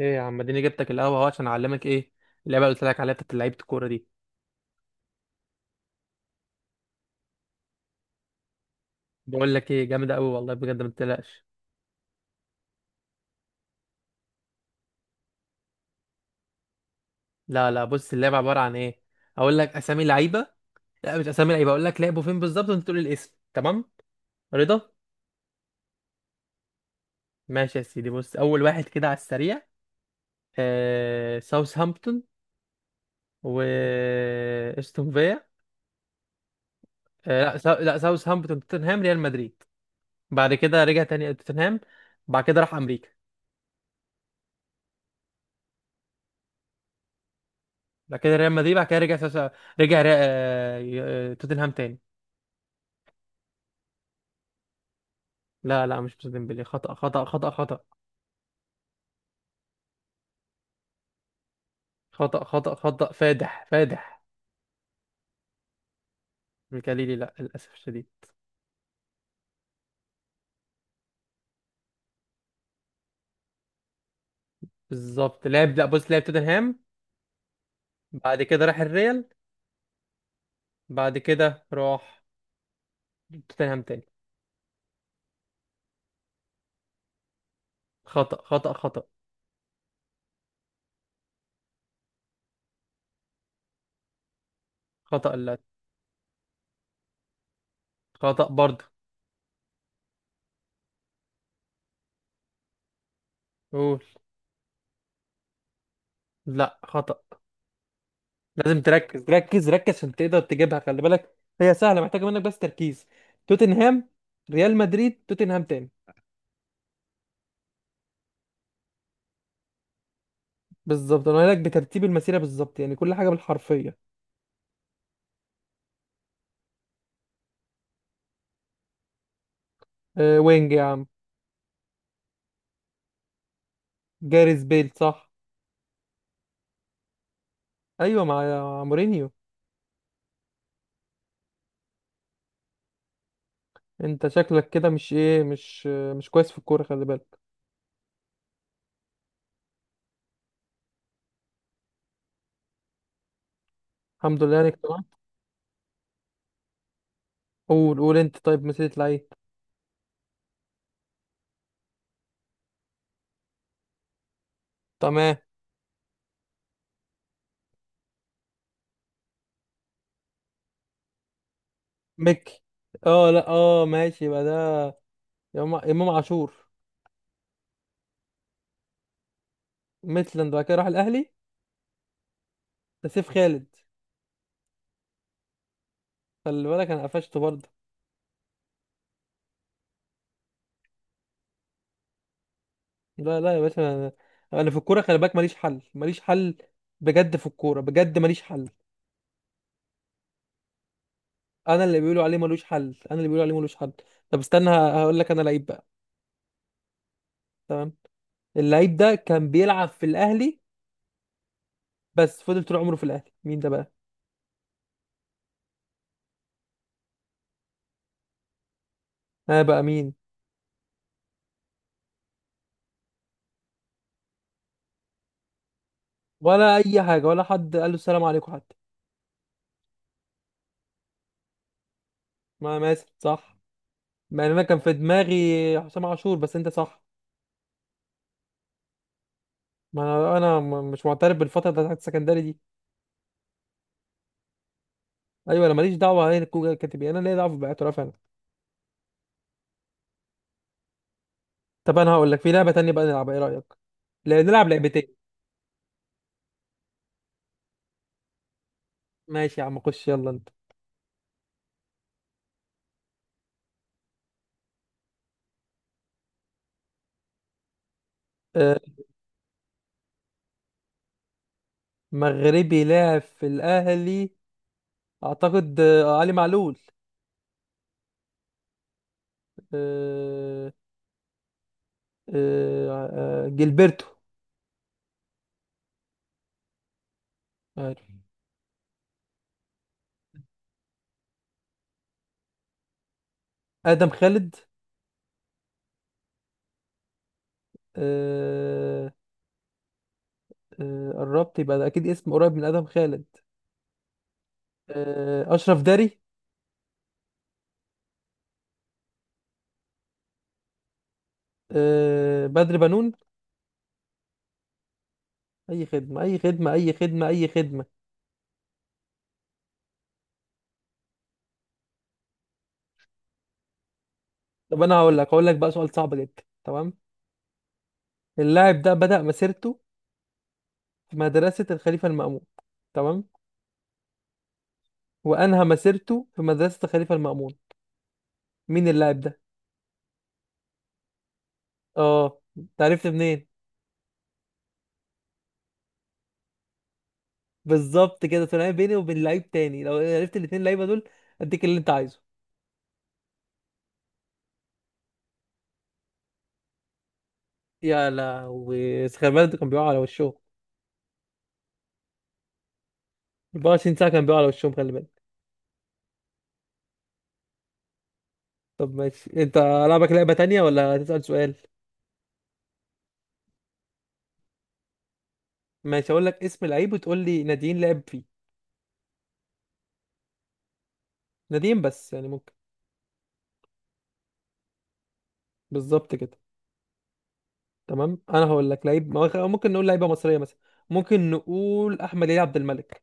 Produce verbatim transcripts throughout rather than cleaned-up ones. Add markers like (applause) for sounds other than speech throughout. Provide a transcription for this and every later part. ايه يا عم، اديني جبتك القهوه اهو عشان اعلمك ايه اللعبه اللي قلت لك عليها بتاعت لعيبه الكوره دي. بقول لك ايه، جامده قوي والله بجد، ما تقلقش. لا، لا، بص اللعبه عباره عن ايه. اقول لك اسامي لعيبه. لا، مش اسامي لعيبه، اقول لك لعبوا فين بالظبط وانت تقول لي الاسم. تمام؟ رضا. ماشي يا سيدي، بص اول واحد كده على السريع. آه... ساوثهامبتون، و استون فيا. آه... لا سا... لا، ساوثهامبتون، توتنهام، ريال مدريد. بعد كده رجع تاني توتنهام. بعد كده راح امريكا. بعد كده ريال مدريد، بعد كده رجع ساوث... رجع ري... آه، توتنهام تاني. لا، لا، مش مسلم ديمبلي، خطأ خطأ خطأ خطأ. خطأ خطأ خطأ فادح فادح. ميكاليلي، لا للأسف الشديد. بالظبط، لعب لا، بص، لعب توتنهام. بعد كده راح الريال، بعد كده راح توتنهام تاني. خطأ خطأ خطأ خطأ. لا، خطأ برضه. قول. لا، خطأ. لازم تركز، ركز ركز عشان تقدر تجيبها، خلي بالك هي سهلة، محتاجة منك بس تركيز. توتنهام، ريال مدريد، توتنهام تاني. بالظبط، انا قايل لك بترتيب المسيرة بالظبط، يعني كل حاجة بالحرفية. أه، وينج يا عم. جاريث بيل، صح. ايوه، مع مع مورينيو. انت شكلك كده مش ايه مش مش كويس في الكوره، خلي بالك. الحمد لله انك تمام. قول قول انت. طيب، مسيرة لعيب. تمام. ميكي. اه، لا، اه، ماشي، يبقى ده امام إمام عاشور. ميتلاند، بعد كده راح الاهلي. ده سيف خالد. خلي بالك، انا قفشته برضه. لا، لا يا باشا، انا انا في الكوره خلي بالك، ماليش حل، ماليش حل. بجد، في الكوره بجد، ماليش حل. انا اللي بيقولوا عليه ملوش حل، انا اللي بيقولوا عليه ملوش حل. طب استنى، ه- هقول لك انا لعيب بقى. تمام. اللعيب ده كان بيلعب في الاهلي، بس فضل طول عمره في الاهلي، مين ده بقى؟ انا بقى مين؟ ولا اي حاجه، ولا حد قال له السلام عليكم حتى. ما ماسك صح. مع ان انا كان في دماغي حسام عاشور، بس انت صح. ما انا انا م- مش معترف بالفتره بتاعت السكندري دي. ايوه، انا ماليش دعوه، هي الكوره كاتب إيه، انا ليا دعوه باعتراف انا. طب انا هقول لك، في لعبه تانية بقى نلعبها، ايه رايك؟ لا- نلعب لعبتين. ماشي يا عم، خش يلا انت. آه، مغربي لاعب في الاهلي. اعتقد آه، علي معلول. آه، آه، آه، جilberto. عارف؟ ادم خالد. آه، آه، قربت، يبقى ده اكيد اسم قريب من ادم خالد. آه، اشرف داري. آه، بدر بنون. اي خدمه، اي خدمه، اي خدمه، اي خدمه. طب انا هقول لك هقول لك بقى سؤال صعب جدا. تمام. اللاعب ده بدأ مسيرته في مدرسه الخليفه المأمون. تمام. وانهى مسيرته في مدرسه الخليفه المأمون، مين اللاعب ده؟ اه، انت عرفت منين؟ بالظبط كده، تلاقي بيني وبين لعيب تاني، لو عرفت الاتنين لعيبه دول اديك اللي انت عايزه. يا لهوي، خلي بالك ده كان بيقع على وشه. اربعة وعشرين ساعة كان بيقع على وشهم، خلي بالك. طب ماشي، انت لعبك لعبة تانية ولا هتسأل سؤال؟ ماشي، هقول لك اسم لعيب وتقول لي ناديين لعب فيه. ناديين بس يعني، ممكن؟ بالظبط كده. تمام، انا هقول لك لعيب ما هو- خ- ممكن نقول لعيبة مصرية مثلا. ممكن نقول احمد علي عبد الملك.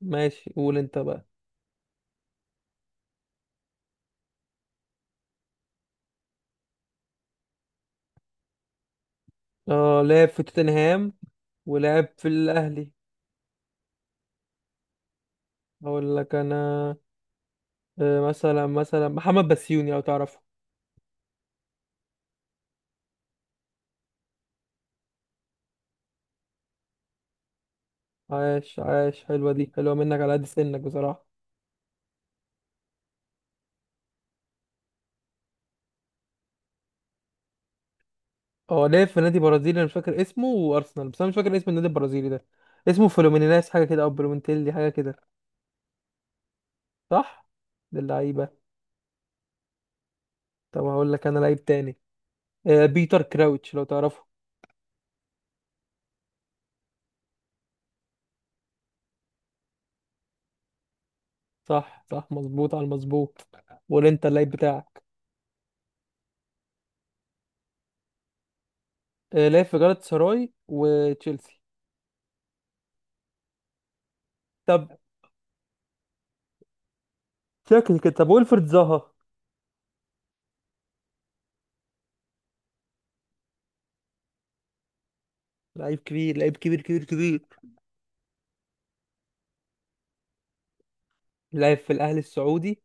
ماشي، قول انت بقى. اه، لعب في توتنهام ولعب في الاهلي. هقول لك انا. آه، مثلا مثلا محمد بسيوني لو تعرفه. عاش عاش، حلوة دي، حلوة منك على قد سنك بصراحة. هو لعب في نادي برازيلي انا مش فاكر اسمه، وارسنال، بس انا مش فاكر اسم النادي البرازيلي ده. اسمه فلومينيناس حاجة كده، او بلومنتيلي حاجة كده. صح. ده اللعيبة. طب هقول لك انا لعيب تاني. آه بيتر كراوتش لو تعرفه. صح صح، مظبوط على المظبوط. ولا انت اللعيب بتاعك؟ آه لعب في جالاتا سراي وتشيلسي. طب، شكل كده. طب ويلفرد زها. لعيب كبير، لعيب كبير كبير كبير. لعب في الاهلي السعودي،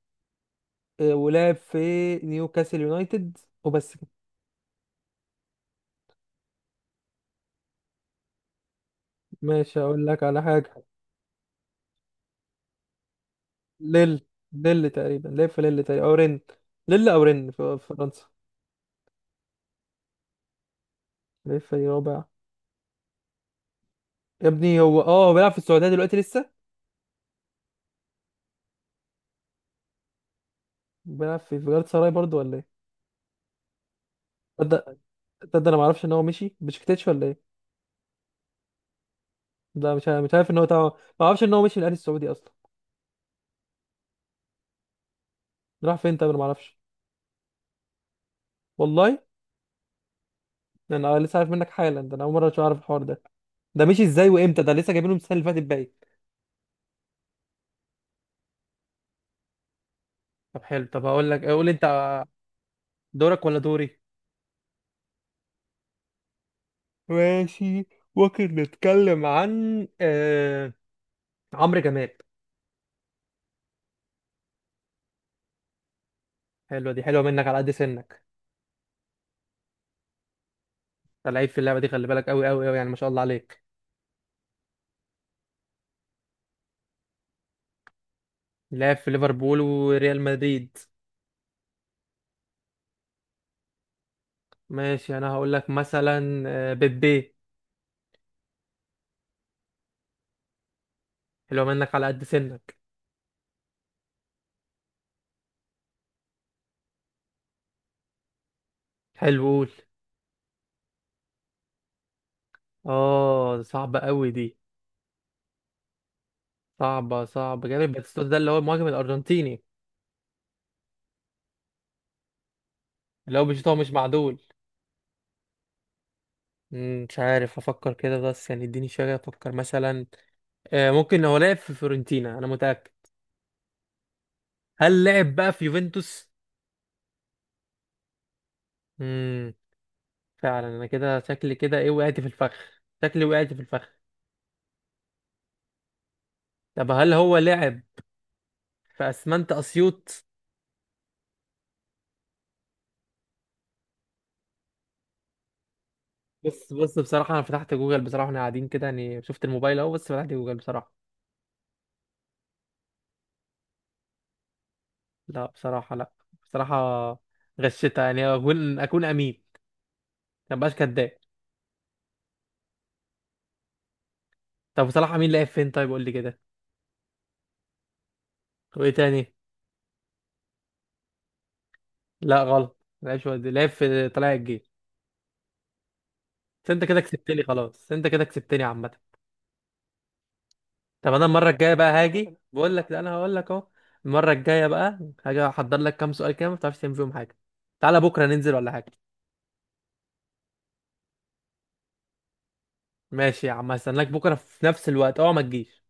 آه، ولعب في نيوكاسل يونايتد، وبس. ماشي، اقول لك على حاجه. ليل ليل تقريبا، ليل، في ليل تقريبا او رن. ليل او رن في في فرنسا. ليل في رابع. يا ابني، هو اه هو بيلعب في السعوديه دلوقتي لسه. بيلعب في في جالاتا سراي برضه ولا ايه؟ تصدق تصدق، انا ما اعرفش ان هو مشي بشكتيتش ولا ايه. لا، مش عارف مش عارف ان هو تع- ما اعرفش ان هو مشي من الاهلي السعودي اصلا. راح فين؟ طب انا ما اعرفش. والله. يعني انا لسه عارف منك حالا ده، انا اول مره اعرف الحوار ده. ده مشي ازاي وامتى؟ ده لسه جايبينه من السنه اللي فاتت باين. طب حلو. طب هقول لك، قول انت. دورك ولا دوري؟ ماشي، ممكن نتكلم عن آه... عمرو جمال. حلوه دي، حلوه منك على قد سنك. انت لعيب في اللعبه دي، خلي بالك قوي قوي قوي يعني، ما شاء الله عليك. لعب في ليفربول وريال مدريد. ماشي، انا هقول لك مثلا آه... بيبي. حلوه منك على قد سنك. حلو، قول. اه، صعبه قوي دي. صعبه صعبه جامد، باتيستوتا ده اللي هو المهاجم الارجنتيني. اللي هو بيشوط، هو مش معدول. مم، مش عارف، افكر كده بس، يعني اديني شويه افكر مثلا. آه، ممكن هو لعب في فيورنتينا، انا متاكد. هل لعب بقى في يوفنتوس؟ امم فعلا، انا كده شكلي كده ايه، وقعت في الفخ. شكلي وقعت في الفخ. طب هل هو لعب في اسمنت اسيوط؟ بص بص، بصراحة انا فتحت جوجل بصراحة، احنا قاعدين كده يعني، شفت الموبايل اهو، بس فتحت جوجل بصراحة. لا بصراحة، لا. بصراحة غشيتها، يعني اكون اكون امين، ما بقاش كداب. طب بصراحة، مين لعب فين؟ طيب قول لي كده. وايه تاني؟ لا، غلط، ما لعبش وادي، لعب في طلائع الجيش. بس انت كده كسبتني، خلاص انت كده كسبتني عامة. طب انا المره الجايه بقى هاجي (laughs) بقول لك، لا انا هقول لك اهو. المره الجايه بقى هاجي احضر لك كام سؤال كده، ما بتعرفش تعمل فيهم حاجه. تعالى بكره ننزل ولا حاجه؟ ماشي يا عم، هستناك بكره في نفس الوقت، اوعى ما تجيش.